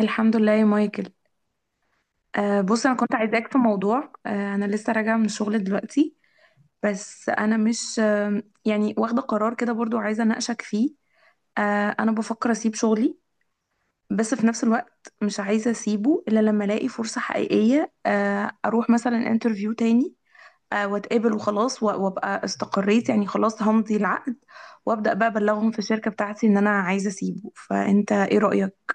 الحمد لله يا مايكل. بص انا كنت عايزاك في موضوع. انا لسه راجعه من الشغل دلوقتي. بس انا مش يعني واخده قرار كده برضو عايزه اناقشك فيه. انا بفكر اسيب شغلي، بس في نفس الوقت مش عايزه اسيبه الا لما الاقي فرصه حقيقيه، اروح مثلا انترفيو تاني واتقابل وخلاص وابقى استقريت يعني خلاص همضي العقد، وابدا بقى ابلغهم في الشركه بتاعتي ان انا عايزه اسيبه، فانت ايه رايك؟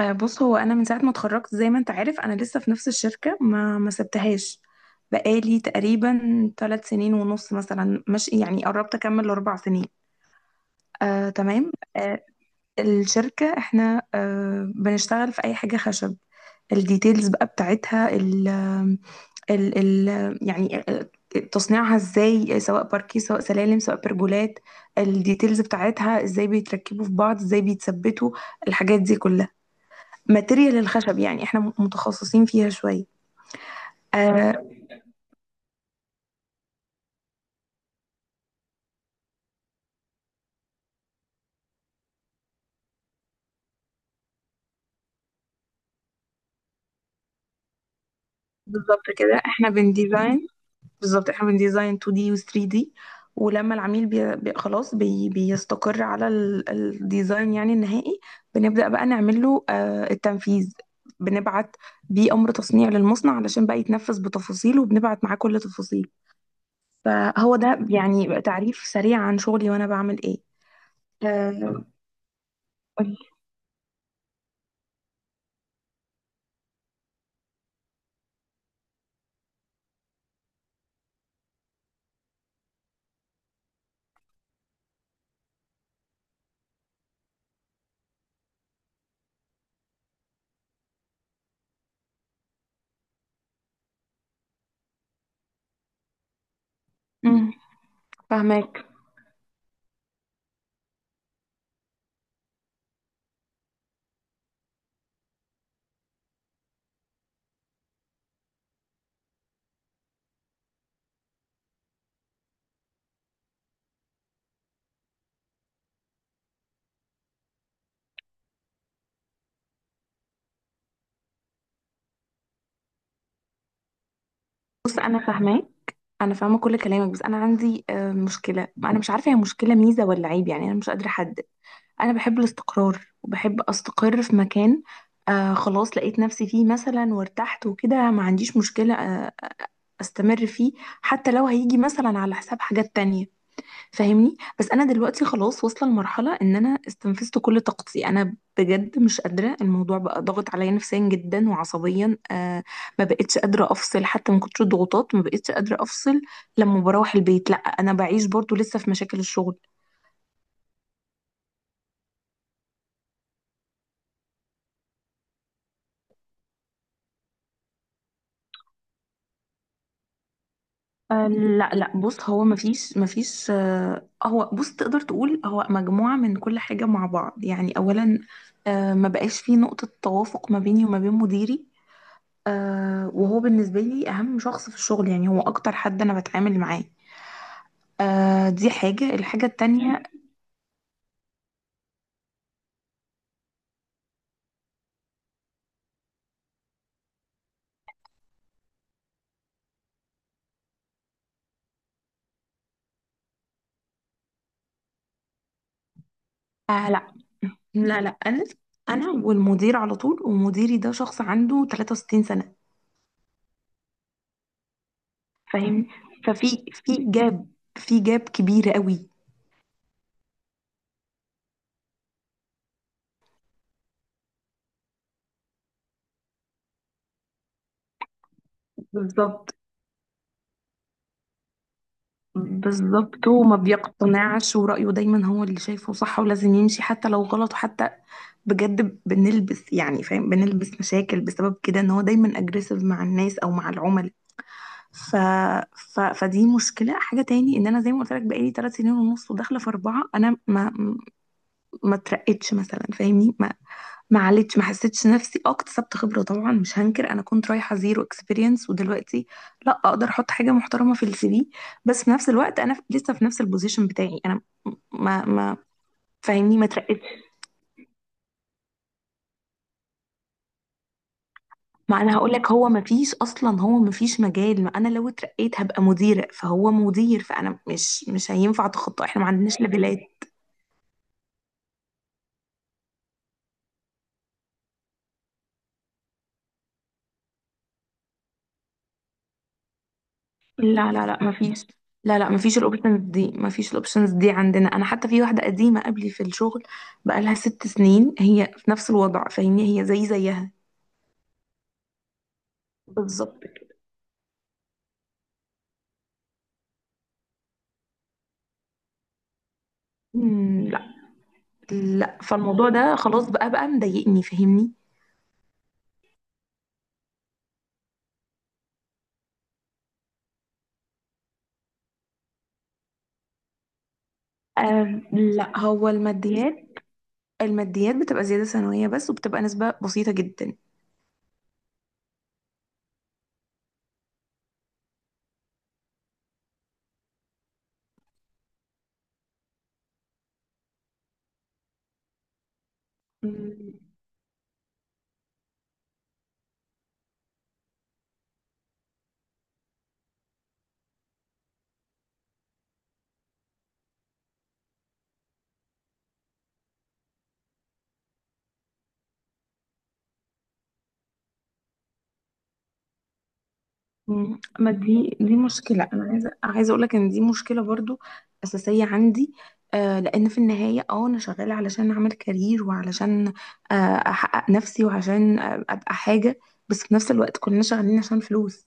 بص، هو انا من ساعه ما اتخرجت زي ما انت عارف انا لسه في نفس الشركه، ما سبتهاش. بقالي تقريبا 3 سنين ونص مثلا، مش يعني، قربت اكمل 4 سنين. تمام. الشركه احنا بنشتغل في اي حاجه خشب. الديتيلز بقى بتاعتها، ال ال ال يعني تصنيعها ازاي، سواء باركيه سواء سلالم سواء برجولات. الديتيلز بتاعتها ازاي بيتركبوا في بعض، ازاي بيتثبتوا، الحاجات دي كلها. ماتيريال الخشب يعني احنا متخصصين فيها شوية. آه، بالظبط كده، احنا بنديزاين. بالظبط، احنا بنديزاين 2D و 3D. ولما العميل بي بي خلاص بيستقر على الديزاين يعني النهائي، بنبدأ بقى نعمل له التنفيذ. بنبعت بيه أمر تصنيع للمصنع علشان بقى يتنفذ بتفاصيله، وبنبعت معاه كل تفاصيل. فهو ده يعني تعريف سريع عن شغلي وأنا بعمل إيه. آه، قولي. مم، فهماك. بص، انا فاهماك، انا فاهمه كل كلامك، بس انا عندي مشكله. انا مش عارفه هي مشكله ميزه ولا عيب، يعني انا مش قادره احدد. انا بحب الاستقرار وبحب استقر في مكان. خلاص لقيت نفسي فيه مثلا وارتحت وكده، ما عنديش مشكله. استمر فيه حتى لو هيجي مثلا على حساب حاجات تانية، فاهمني. بس انا دلوقتي خلاص واصله لمرحله ان انا استنفذت كل طاقتي، انا بجد مش قادره، الموضوع بقى ضاغط عليا نفسيا جدا وعصبيا. ما بقتش قادره افصل، حتى من كتر الضغوطات ما بقتش قادره افصل. لما بروح البيت لا، انا بعيش برضو لسه في مشاكل الشغل. لا لا، بص، هو ما فيش هو، بص، تقدر تقول هو مجموعه من كل حاجه مع بعض، يعني اولا ما بقاش في نقطه توافق ما بيني وما بين مديري. وهو بالنسبة لي أهم شخص في الشغل، يعني هو أكتر حد أنا بتعامل معاه. دي حاجة، الحاجة التانية، آه لا لا لا. أنا والمدير على طول، ومديري ده شخص عنده 63 سنة، فاهمني. ففي جاب، في جاب كبير قوي. بالظبط. بالظبط، وما بيقتنعش، ورأيه دايما هو اللي شايفه صح ولازم يمشي حتى لو غلط، وحتى بجد بنلبس، يعني فاهم، بنلبس مشاكل بسبب كده، ان هو دايما اجريسيف مع الناس او مع العملاء. ف... فدي مشكلة. حاجة تاني، ان انا زي ما قلت لك بقالي 3 سنين ونص وداخلة في 4، انا ما اترقتش مثلا، فاهمني. ما عليتش، ما حسيتش نفسي اه اكتسبت خبرة. طبعا مش هنكر انا كنت رايحة زيرو اكسبيرينس، ودلوقتي لا اقدر احط حاجة محترمة في السي في. بس في نفس الوقت انا لسه في نفس البوزيشن بتاعي، انا ما فاهمني ما اترقتش. ما انا هقول لك، هو ما فيش اصلا، هو ما فيش مجال. ما انا لو اترقيت هبقى مديرة فهو مدير، فانا مش هينفع اتخطى، احنا ما عندناش ليفلات. لا لا لا، مفيش. لا لا، مفيش الاوبشنز دي، مفيش الاوبشنز دي عندنا. انا حتى في واحده قديمه قبلي في الشغل بقالها 6 سنين هي في نفس الوضع، فاهمني، هي زي زيها. بالظبط كده. مم، لا. لا، فالموضوع ده خلاص بقى مضايقني، فاهمني. آه، لا، هو الماديات، الماديات بتبقى زياده سنويه بس، وبتبقى نسبه بسيطه جدا. ما دي مشكلة، أنا عايزة أقول لك إن دي مشكلة برضو أساسية عندي. لأن في النهاية أنا شغالة علشان أعمل كارير، وعلشان آه أحقق نفسي، وعشان أبقى حاجة. بس في نفس الوقت كلنا شغالين عشان فلوس.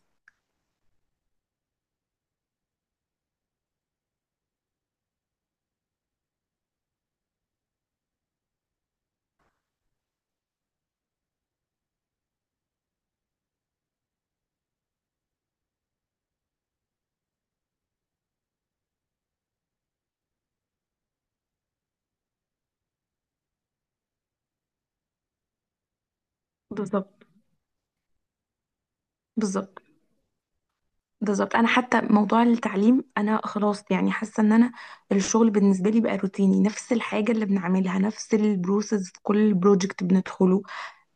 بالظبط. بالظبط، بالظبط أنا حتى موضوع التعليم، أنا خلاص يعني حاسة إن أنا الشغل بالنسبة لي بقى روتيني، نفس الحاجة اللي بنعملها، نفس البروسيس في كل بروجكت بندخله.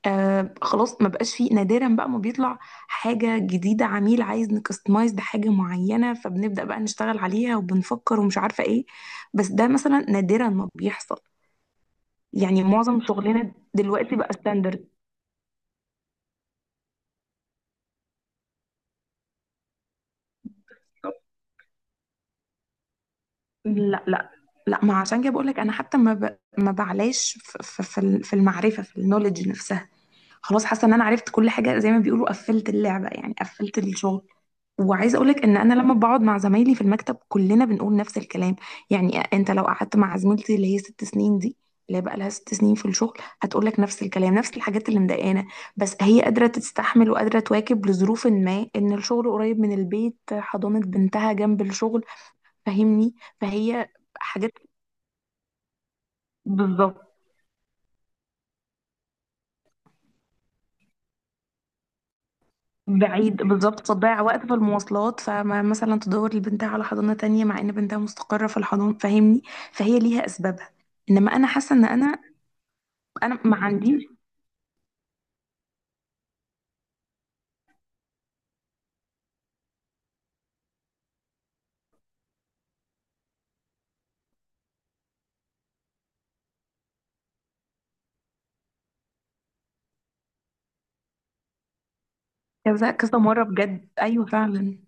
خلاص، ما بقاش فيه، نادرا بقى ما بيطلع حاجة جديدة، عميل عايز نكستمايز بحاجة معينة فبنبدأ بقى نشتغل عليها وبنفكر ومش عارفة ايه. بس ده مثلا نادرا ما بيحصل، يعني معظم شغلنا دلوقتي بقى ستاندرد. لا لا. لا، ما عشان كده بقول لك، انا حتى ما بعلاش في المعرفة، في النولج نفسها. خلاص حاسة ان انا عرفت كل حاجة، زي ما بيقولوا قفلت اللعبة، يعني قفلت الشغل. وعايزه اقولك ان انا لما بقعد مع زمايلي في المكتب كلنا بنقول نفس الكلام. يعني انت لو قعدت مع زميلتي اللي هي 6 سنين دي، اللي هي بقى لها 6 سنين في الشغل، هتقولك نفس الكلام، نفس الحاجات اللي مضايقانا. بس هي قادره تستحمل وقادره تواكب لظروف، ما ان الشغل قريب من البيت، حضانه بنتها جنب الشغل، فاهمني، فهي حاجات. بالظبط. بعيد، بالظبط تضيع وقت في المواصلات، فمثلا تدور لبنتها على حضانه تانية مع ان بنتها مستقره في الحضانه، فاهمني. فهي ليها اسبابها، انما انا حاسه ان انا ما عنديش. كذا كذا مره بجد، ايوه فعلا.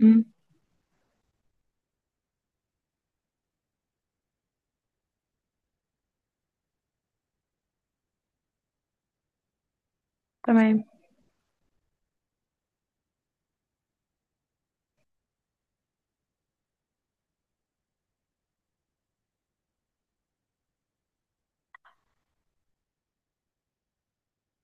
امم. تمام.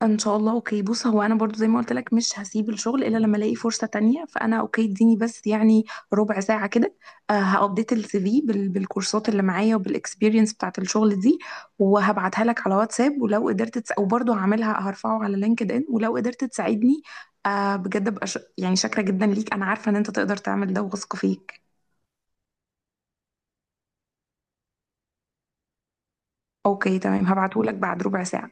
ان شاء الله، اوكي. بص، هو انا برضو زي ما قلت لك مش هسيب الشغل الا لما الاقي فرصه تانية، فانا اوكي، اديني بس يعني ربع ساعه كده. هابديت السي في بالكورسات اللي معايا وبالاكسبيرينس بتاعت الشغل دي، وهبعتها لك على واتساب. ولو قدرت وبرضو هعملها هرفعه على لينكد ان، ولو قدرت تساعدني بجد ابقى يعني شاكره جدا ليك، انا عارفه ان انت تقدر تعمل ده وواثقه فيك. اوكي تمام، هبعته لك بعد ربع ساعه.